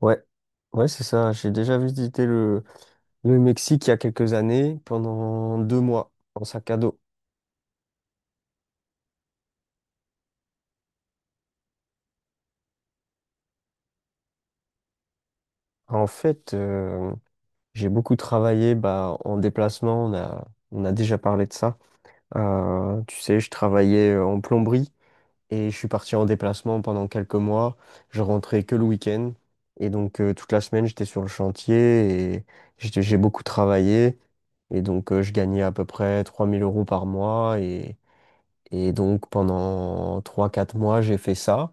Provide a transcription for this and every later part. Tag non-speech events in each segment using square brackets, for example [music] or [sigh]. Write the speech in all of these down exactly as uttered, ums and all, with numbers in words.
Ouais, ouais, c'est ça. J'ai déjà visité le, le Mexique il y a quelques années pendant deux mois en sac à dos. En fait, euh, j'ai beaucoup travaillé bah, en déplacement. On a, on a déjà parlé de ça. Euh, tu sais, je travaillais euh, en plomberie et je suis parti en déplacement pendant quelques mois. Je rentrais que le week-end et donc euh, toute la semaine j'étais sur le chantier et j'étais- j'ai beaucoup travaillé. Et donc, euh, je gagnais à peu près trois mille euros par mois. Et, Et donc pendant trois quatre mois, j'ai fait ça.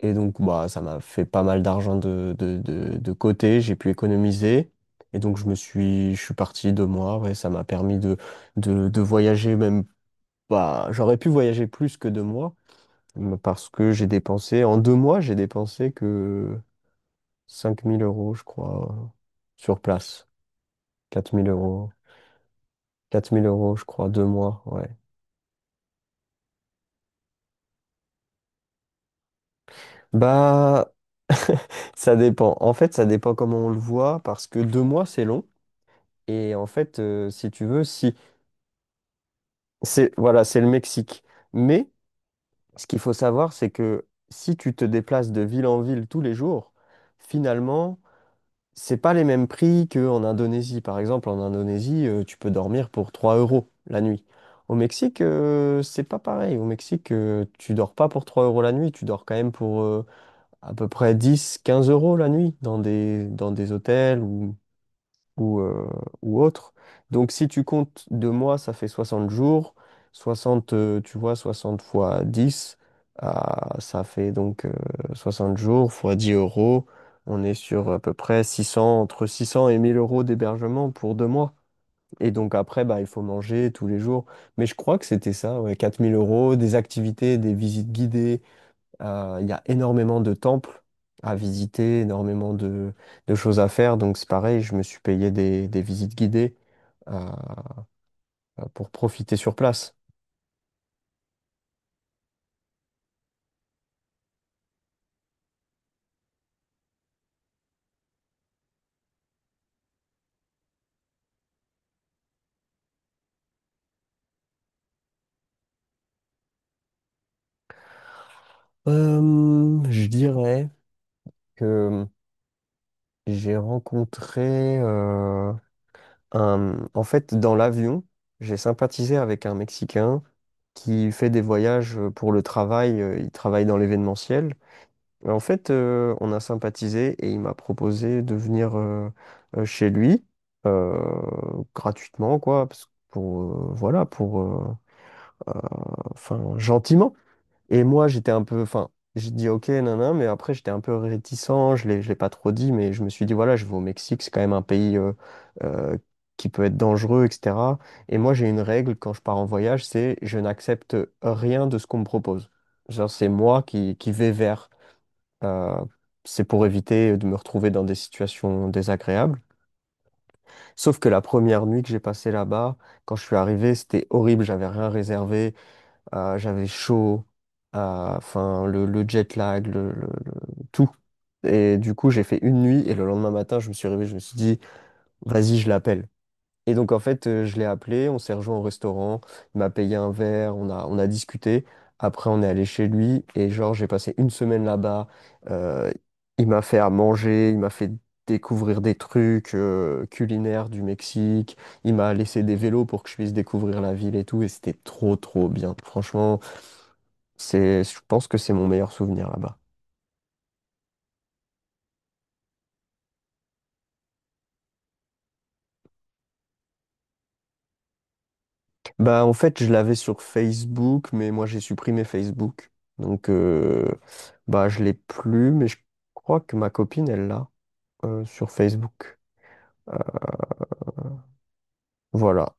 Et donc bah, ça m'a fait pas mal d'argent de, de, de, de côté, j'ai pu économiser. Et donc je me suis, je suis parti deux mois, ouais, ça m'a permis de, de, de voyager même pas. J'aurais pu voyager plus que deux mois, mais parce que j'ai dépensé, en deux mois, j'ai dépensé que cinq mille euros, je crois, euh, sur place. Quatre mille euros. Quatre mille euros, je crois, deux mois, ouais. Bah, ça dépend. En fait, ça dépend comment on le voit, parce que deux mois, c'est long. Et en fait, euh, si tu veux, si c'est voilà, c'est le Mexique. Mais ce qu'il faut savoir, c'est que si tu te déplaces de ville en ville tous les jours, finalement, c'est pas les mêmes prix qu'en Indonésie. Par exemple, en Indonésie, euh, tu peux dormir pour trois euros la nuit. Au Mexique, euh, c'est pas pareil. Au Mexique, euh, tu dors pas pour trois euros la nuit, tu dors quand même pour euh, à peu près dix, quinze euros la nuit dans des, dans des hôtels ou ou, euh, ou autre. Donc si tu comptes deux mois, ça fait soixante jours. Soixante euh, tu vois, soixante fois dix ah, ça fait donc euh, soixante jours fois dix euros. On est sur à peu près six cents, entre six cents et mille euros d'hébergement pour deux mois. Et donc après, bah, il faut manger tous les jours. Mais je crois que c'était ça, ouais, quatre mille euros, des activités, des visites guidées, euh, il y a énormément de temples à visiter, énormément de, de choses à faire. Donc c'est pareil, je me suis payé des, des visites guidées euh, pour profiter sur place. Euh, je dirais que j'ai rencontré euh, un... En fait, dans l'avion, j'ai sympathisé avec un Mexicain qui fait des voyages pour le travail. Euh, Il travaille dans l'événementiel. Mais en fait, euh, on a sympathisé et il m'a proposé de venir euh, euh, chez lui euh, gratuitement, quoi, parce que pour, euh, voilà, pour, euh, euh, enfin, gentiment. Et moi, j'étais un peu, enfin, j'ai dit ok, nanan, mais après, j'étais un peu réticent, je l'ai, je l'ai pas trop dit, mais je me suis dit, voilà, je vais au Mexique, c'est quand même un pays euh, euh, qui peut être dangereux, et cetera. Et moi, j'ai une règle quand je pars en voyage, c'est je n'accepte rien de ce qu'on me propose. Genre, c'est moi qui, qui vais vers. Euh, c'est pour éviter de me retrouver dans des situations désagréables. Sauf que la première nuit que j'ai passée là-bas, quand je suis arrivé, c'était horrible. J'avais rien réservé. euh, j'avais chaud. euh, Enfin, le, le jet lag, le, le- le- tout. Et du coup, j'ai fait une nuit et le lendemain matin, je me suis réveillé. Je me suis dit, vas-y, je l'appelle. Et donc, en fait, euh, je l'ai appelé, on s'est rejoint au restaurant, il m'a payé un verre, on a, on a discuté. Après, on est allé chez lui et genre, j'ai passé une semaine là-bas. Euh, il m'a fait à manger, il m'a fait découvrir des trucs euh, culinaires du Mexique, il m'a laissé des vélos pour que je puisse découvrir la ville et tout. Et c'était trop, trop bien. Franchement, c'est, je pense que c'est mon meilleur souvenir là-bas. Bah, en fait, je l'avais sur Facebook, mais moi, j'ai supprimé Facebook. Donc, euh, bah, je l'ai plus, mais je crois que ma copine, elle l'a euh, sur Facebook. Voilà.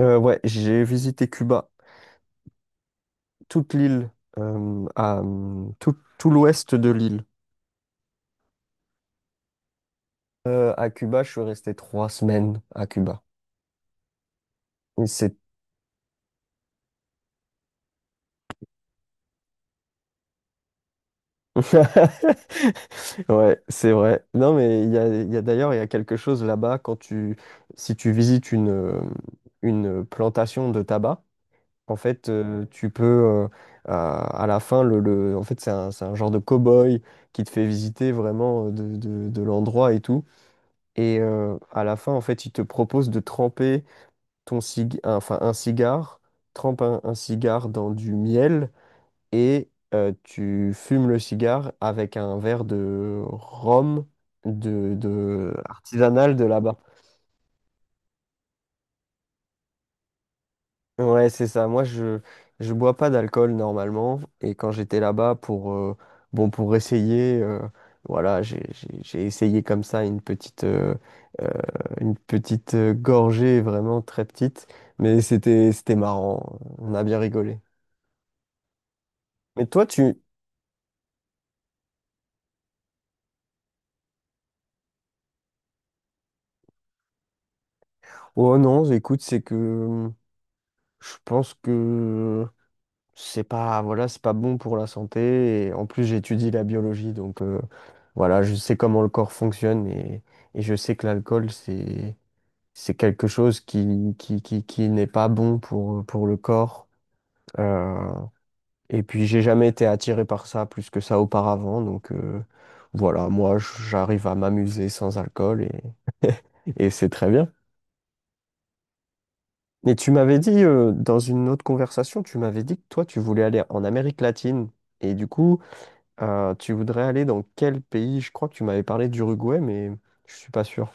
Euh, ouais, j'ai visité Cuba, toute l'île, euh, à, euh, tout, tout l'ouest de l'île. Euh, à Cuba, je suis resté trois semaines à Cuba. Et c'est [laughs] ouais, c'est vrai. Non, mais il y a, il y a d'ailleurs, il y a quelque chose là-bas quand tu, si tu visites une, euh, une plantation de tabac, en fait, euh, tu peux, euh, à, à la fin, le, le- en fait, c'est un, c'est un genre de cow-boy qui te fait visiter vraiment euh, de, de- de l'endroit et tout. Et euh, à la fin, en fait, il te propose de tremper ton cig, enfin, un cigare, trempe un un cigare dans du miel et euh, tu fumes le cigare avec un verre de rhum de, de artisanal de là-bas. Ouais, c'est ça. Moi, je je bois pas d'alcool normalement et quand j'étais là-bas pour euh, bon pour essayer euh, voilà, j'ai j'ai- j'ai essayé comme ça une petite euh, euh, une petite euh, gorgée vraiment très petite, mais c'était c'était marrant. On a bien rigolé. Mais toi, tu Oh non, écoute, c'est que euh, je pense que c'est pas, voilà, c'est pas bon pour la santé. Et en plus, j'étudie la biologie, donc euh, voilà, je sais comment le corps fonctionne et, et je sais que l'alcool, c'est, c'est quelque chose qui, qui, qui, qui n'est pas bon pour, pour le corps. Euh, et puis, j'ai jamais été attiré par ça plus que ça auparavant, donc euh, voilà, moi, j'arrive à m'amuser sans alcool et, et c'est très bien. Et tu m'avais dit, euh, dans une autre conversation, tu m'avais dit que toi, tu voulais aller en Amérique latine. Et du coup, Euh, tu voudrais aller dans quel pays? Je crois que tu m'avais parlé d'Uruguay, mais je suis pas sûr.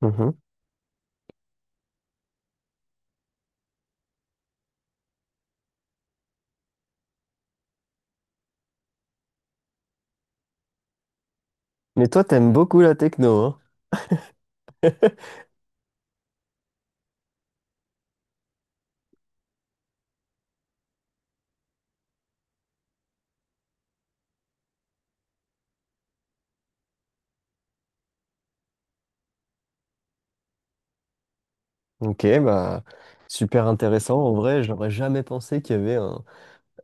Mhm. Mais toi, t'aimes beaucoup la techno, hein? Ok, bah super intéressant. En vrai, j'aurais jamais pensé qu'il y avait un,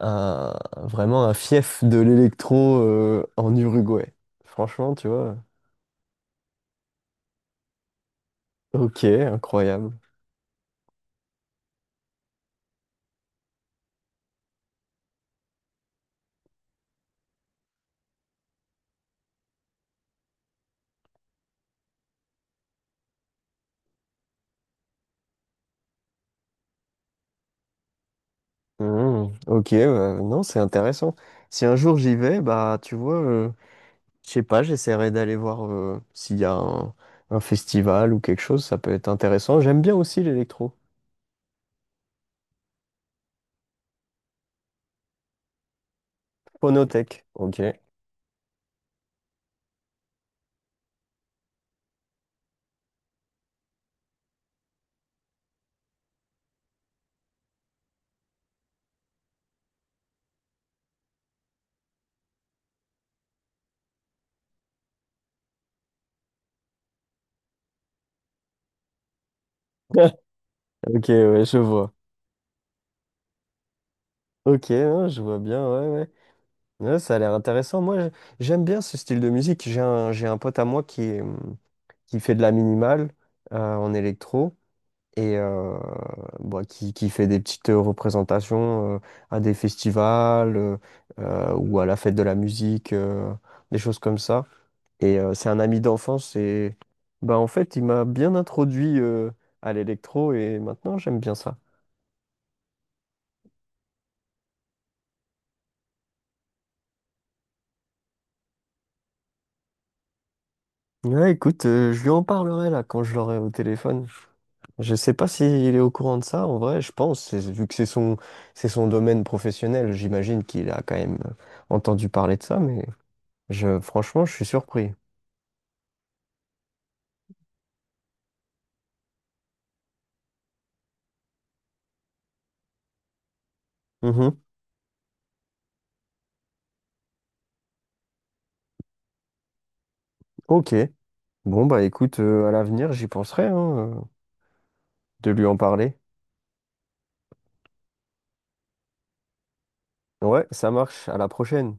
un- vraiment un fief de l'électro euh, en Uruguay. Franchement, tu vois. Ok, incroyable. Mhm. Ok, bah, non, c'est intéressant. Si un jour j'y vais, bah tu vois. euh, Je sais pas, j'essaierai d'aller voir euh, s'il y a un, un festival ou quelque chose, ça peut être intéressant. J'aime bien aussi l'électro. Phonothèque. Ok. [laughs] Ok, ouais, je vois. Ok, hein, je vois bien, ouais, ouais. Ouais, ça a l'air intéressant. Moi, je- j'aime bien ce style de musique. J'ai un, j'ai un pote à moi qui, est, hum, qui fait de la minimale euh, en électro. Et euh, bah, qui, qui fait des petites euh, représentations euh, à des festivals euh, euh, ou à la fête de la musique, euh, des choses comme ça. Et euh, c'est un ami d'enfance et bah, en fait, il m'a bien introduit euh, à l'électro et maintenant j'aime bien ça. Ouais, écoute, euh, je lui en parlerai là quand je l'aurai au téléphone. Je sais pas s'il est au courant de ça, en vrai, je pense, c'est- vu que c'est son, c'est son domaine professionnel, j'imagine qu'il a quand même euh, entendu parler de ça, mais je, franchement, je suis surpris. Mhm. Ok. Bon, bah écoute, euh, à l'avenir, j'y penserai, hein, euh, de lui en parler. Ouais, ça marche. À la prochaine.